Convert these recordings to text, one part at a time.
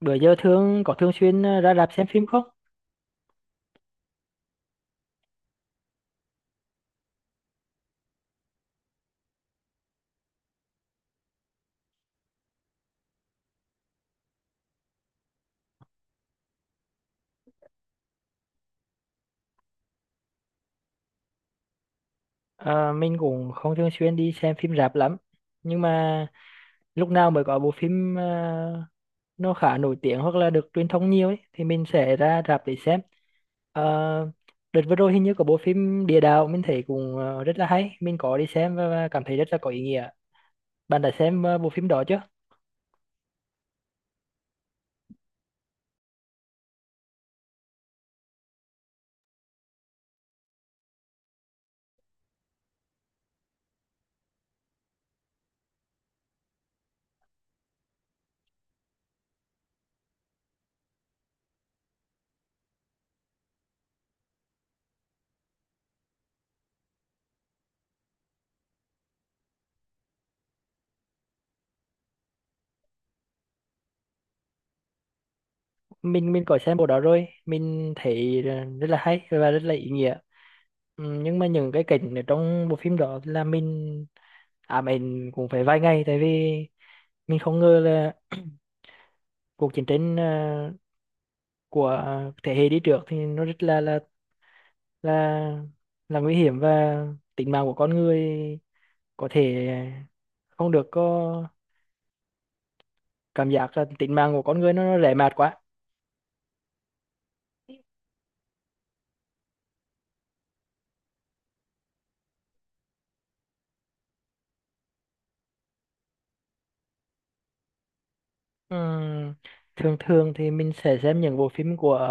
Bữa giờ thường có thường xuyên ra rạp xem phim không? Ờ, mình cũng không thường xuyên đi xem phim rạp lắm, nhưng mà lúc nào mới có bộ phim nó khá nổi tiếng hoặc là được truyền thông nhiều ấy thì mình sẽ ra rạp để xem. Ờ, đợt vừa rồi hình như có bộ phim Địa Đạo, mình thấy cũng rất là hay, mình có đi xem và cảm thấy rất là có ý nghĩa. Bạn đã xem bộ phim đó chưa? Mình có xem bộ đó rồi, mình thấy rất là hay và rất là ý nghĩa. Ừ, nhưng mà những cái cảnh ở trong bộ phim đó là mình mình cũng phải vài ngày, tại vì mình không ngờ là cuộc chiến tranh của thế hệ đi trước thì nó rất là là nguy hiểm, và tính mạng của con người có thể không được có, cảm giác là tính mạng của con người nó rẻ mạt quá. Ừm, thường thường thì mình sẽ xem những bộ phim của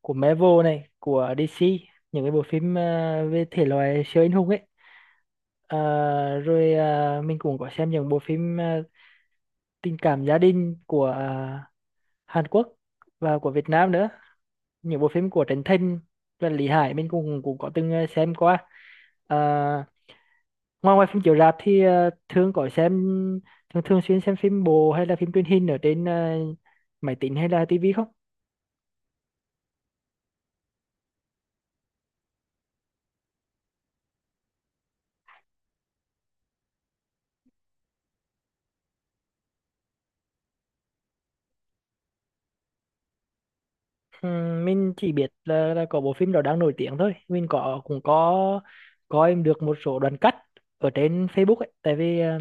của Marvel này, của DC, những cái bộ phim về thể loại siêu anh hùng ấy. Ờ, rồi mình cũng có xem những bộ phim tình cảm gia đình của Hàn Quốc và của Việt Nam nữa, những bộ phim của Trấn Thành và Lý Hải mình cũng cũng có từng xem qua. à, Ngoài ngoài phim chiếu rạp thì thường có xem thường thường xuyên xem phim bộ hay là phim truyền hình ở trên máy tính hay là tivi không? Mình chỉ biết là có bộ phim đó đang nổi tiếng thôi, mình cũng có coi được một số đoạn cắt ở trên Facebook ấy, tại vì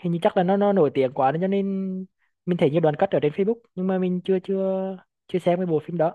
hình như chắc là nó nổi tiếng quá nên cho nên mình thấy nhiều đoạn cắt ở trên Facebook, nhưng mà mình chưa chưa chưa xem cái bộ phim đó.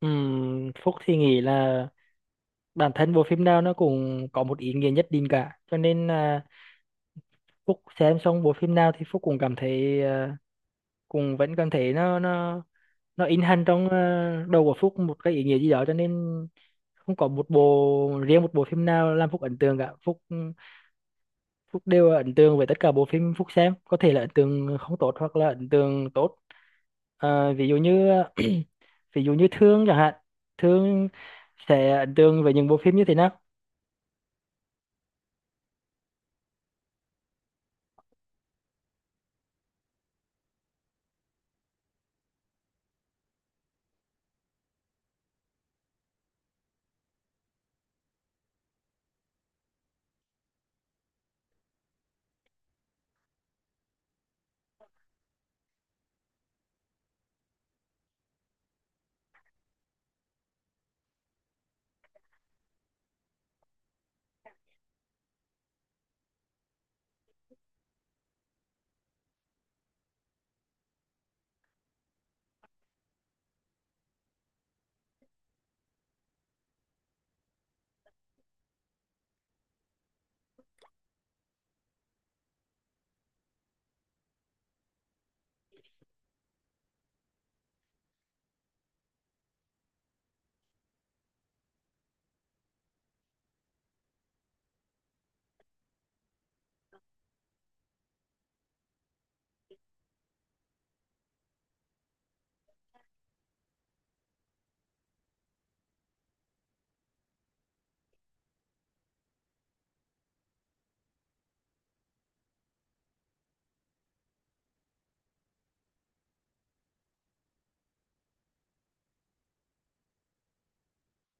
Phúc thì nghĩ là bản thân bộ phim nào nó cũng có một ý nghĩa nhất định cả, cho nên là Phúc xem xong bộ phim nào thì Phúc cũng cảm thấy, cũng vẫn cảm thấy nó in hằn trong đầu của Phúc một cái ý nghĩa gì đó, cho nên không có một bộ riêng một bộ phim nào làm Phúc ấn tượng cả. Phúc Phúc đều ấn tượng với tất cả bộ phim Phúc xem, có thể là ấn tượng không tốt hoặc là ấn tượng tốt. Ờ, ví dụ như Thương chẳng hạn, Thương sẽ ấn tượng với những bộ phim như thế nào?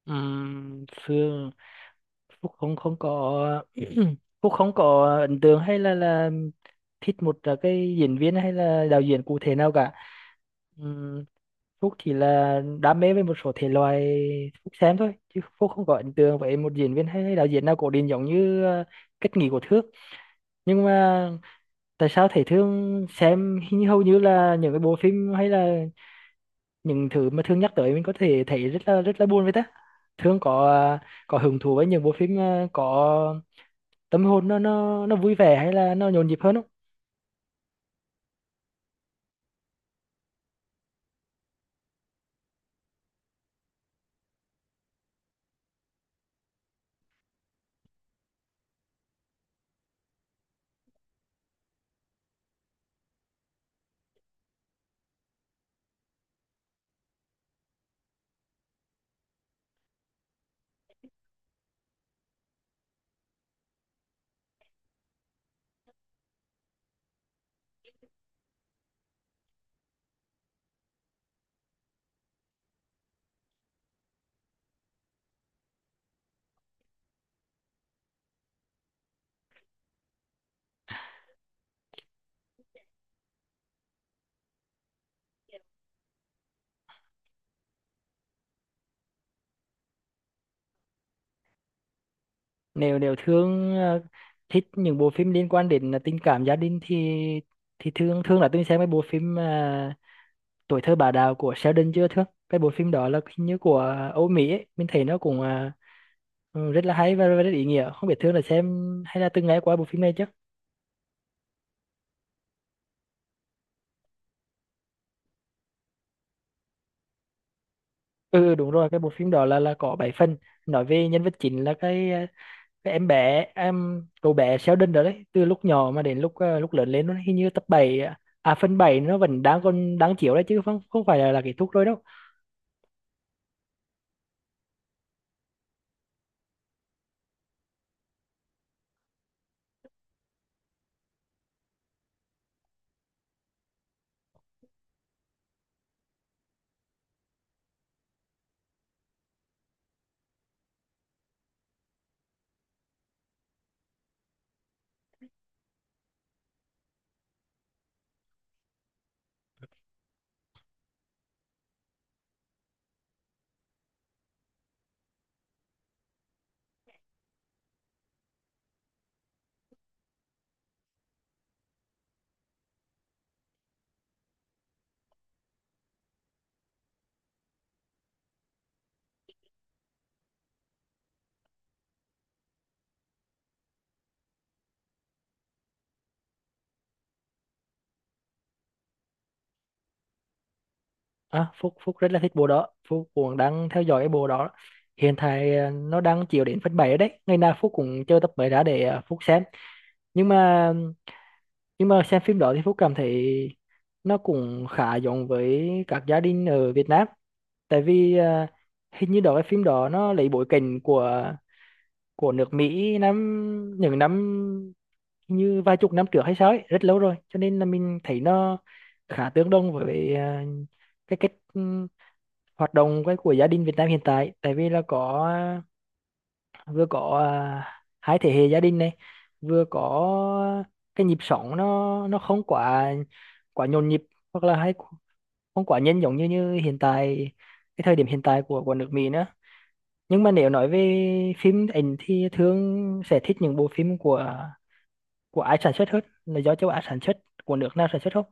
Ừm, Phương Phúc không không có. Phúc không có ấn tượng hay là thích một cái diễn viên hay là đạo diễn cụ thể nào cả. Phúc chỉ là đam mê với một số thể loại Phúc xem thôi, chứ Phúc không có ấn tượng với một diễn viên hay đạo diễn nào cổ điển, giống như Kết Nghị của Thước. Nhưng mà tại sao Thế Thương xem hình như hầu như là những cái bộ phim hay là những thứ mà Thương nhắc tới mình có thể thấy rất là buồn với ta? Thương có hứng thú với những bộ phim có tâm hồn nó vui vẻ hay là nó nhộn nhịp hơn không? Nếu nếu thương thích những bộ phim liên quan đến tình cảm gia đình thì thương thương là tôi xem cái bộ phim tuổi thơ bà đào của Sheldon chưa, thương? Cái bộ phim đó là hình như của Âu Mỹ ấy. Mình thấy nó cũng rất là hay và rất ý nghĩa, không biết thương là xem hay là từng nghe qua bộ phim này chứ? Ừ, đúng rồi, cái bộ phim đó là có 7 phần, nói về nhân vật chính là cái em bé em cậu bé Sheldon đó đấy, từ lúc nhỏ mà đến lúc lớn lên, nó hình như tập 7, à phần 7, nó vẫn đang còn đang chiếu đấy, chứ không không phải là kết thúc rồi đâu. Phúc Phúc rất là thích bộ đó, Phúc cũng đang theo dõi cái bộ đó, hiện tại nó đang chiếu đến phần 7 rồi đấy, ngày nào Phúc cũng chờ tập mới ra để Phúc xem. Nhưng mà xem phim đó thì Phúc cảm thấy nó cũng khá giống với các gia đình ở Việt Nam, tại vì hình như đó cái phim đó nó lấy bối cảnh của nước Mỹ những năm như vài chục năm trước hay sao ấy, rất lâu rồi, cho nên là mình thấy nó khá tương đồng với cái cách hoạt động cái của gia đình Việt Nam hiện tại, tại vì là có, vừa có 2 thế hệ gia đình này, vừa có cái nhịp sống nó không quá quá nhộn nhịp hoặc là hay không quá nhanh giống như như hiện tại, cái thời điểm hiện tại của nước Mỹ nữa. Nhưng mà nếu nói về phim ảnh thì thường sẽ thích những bộ phim của ai sản xuất hết, là do châu Á sản xuất, của nước nào sản xuất không?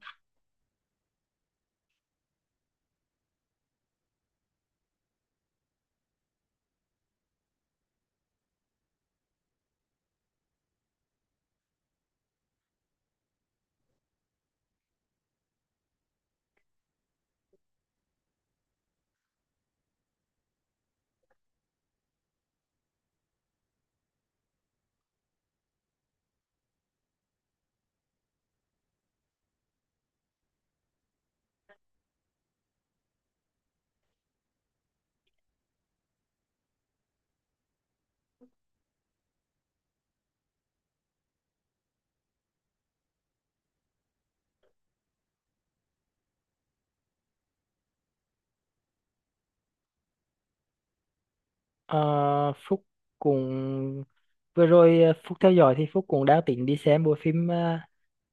Ờ, Phúc cũng, vừa rồi Phúc theo dõi thì Phúc cũng đang tính đi xem bộ phim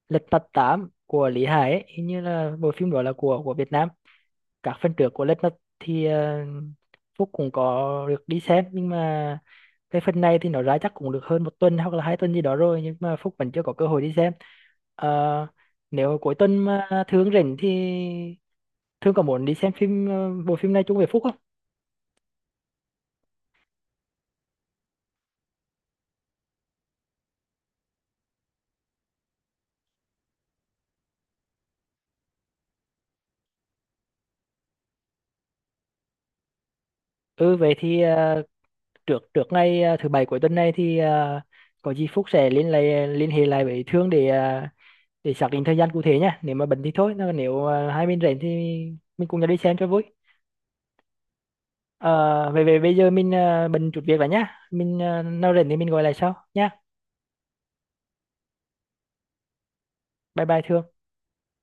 Lật Mặt 8 của Lý Hải ấy. Hình như là bộ phim đó là của Việt Nam, các phần trước của Let's Not thì Phúc cũng có được đi xem, nhưng mà cái phần này thì nó ra chắc cũng được hơn một tuần hoặc là 2 tuần gì đó rồi, nhưng mà Phúc vẫn chưa có cơ hội đi xem. Ờ, nếu cuối tuần mà Thương rảnh thì Thương có muốn đi xem phim, bộ phim này chung với Phúc không? Ừ, vậy thì trước trước ngày thứ bảy cuối tuần này thì có gì Phúc sẽ liên hệ lại với Thương để xác định thời gian cụ thể nhá, nếu mà bận thì thôi, nếu hai bên rảnh thì mình cùng nhau đi xem cho vui. Ờ, vậy bây giờ mình bận chút việc rồi nhá. Mình nào rảnh thì mình gọi lại sau nhá. Bye bye Thương.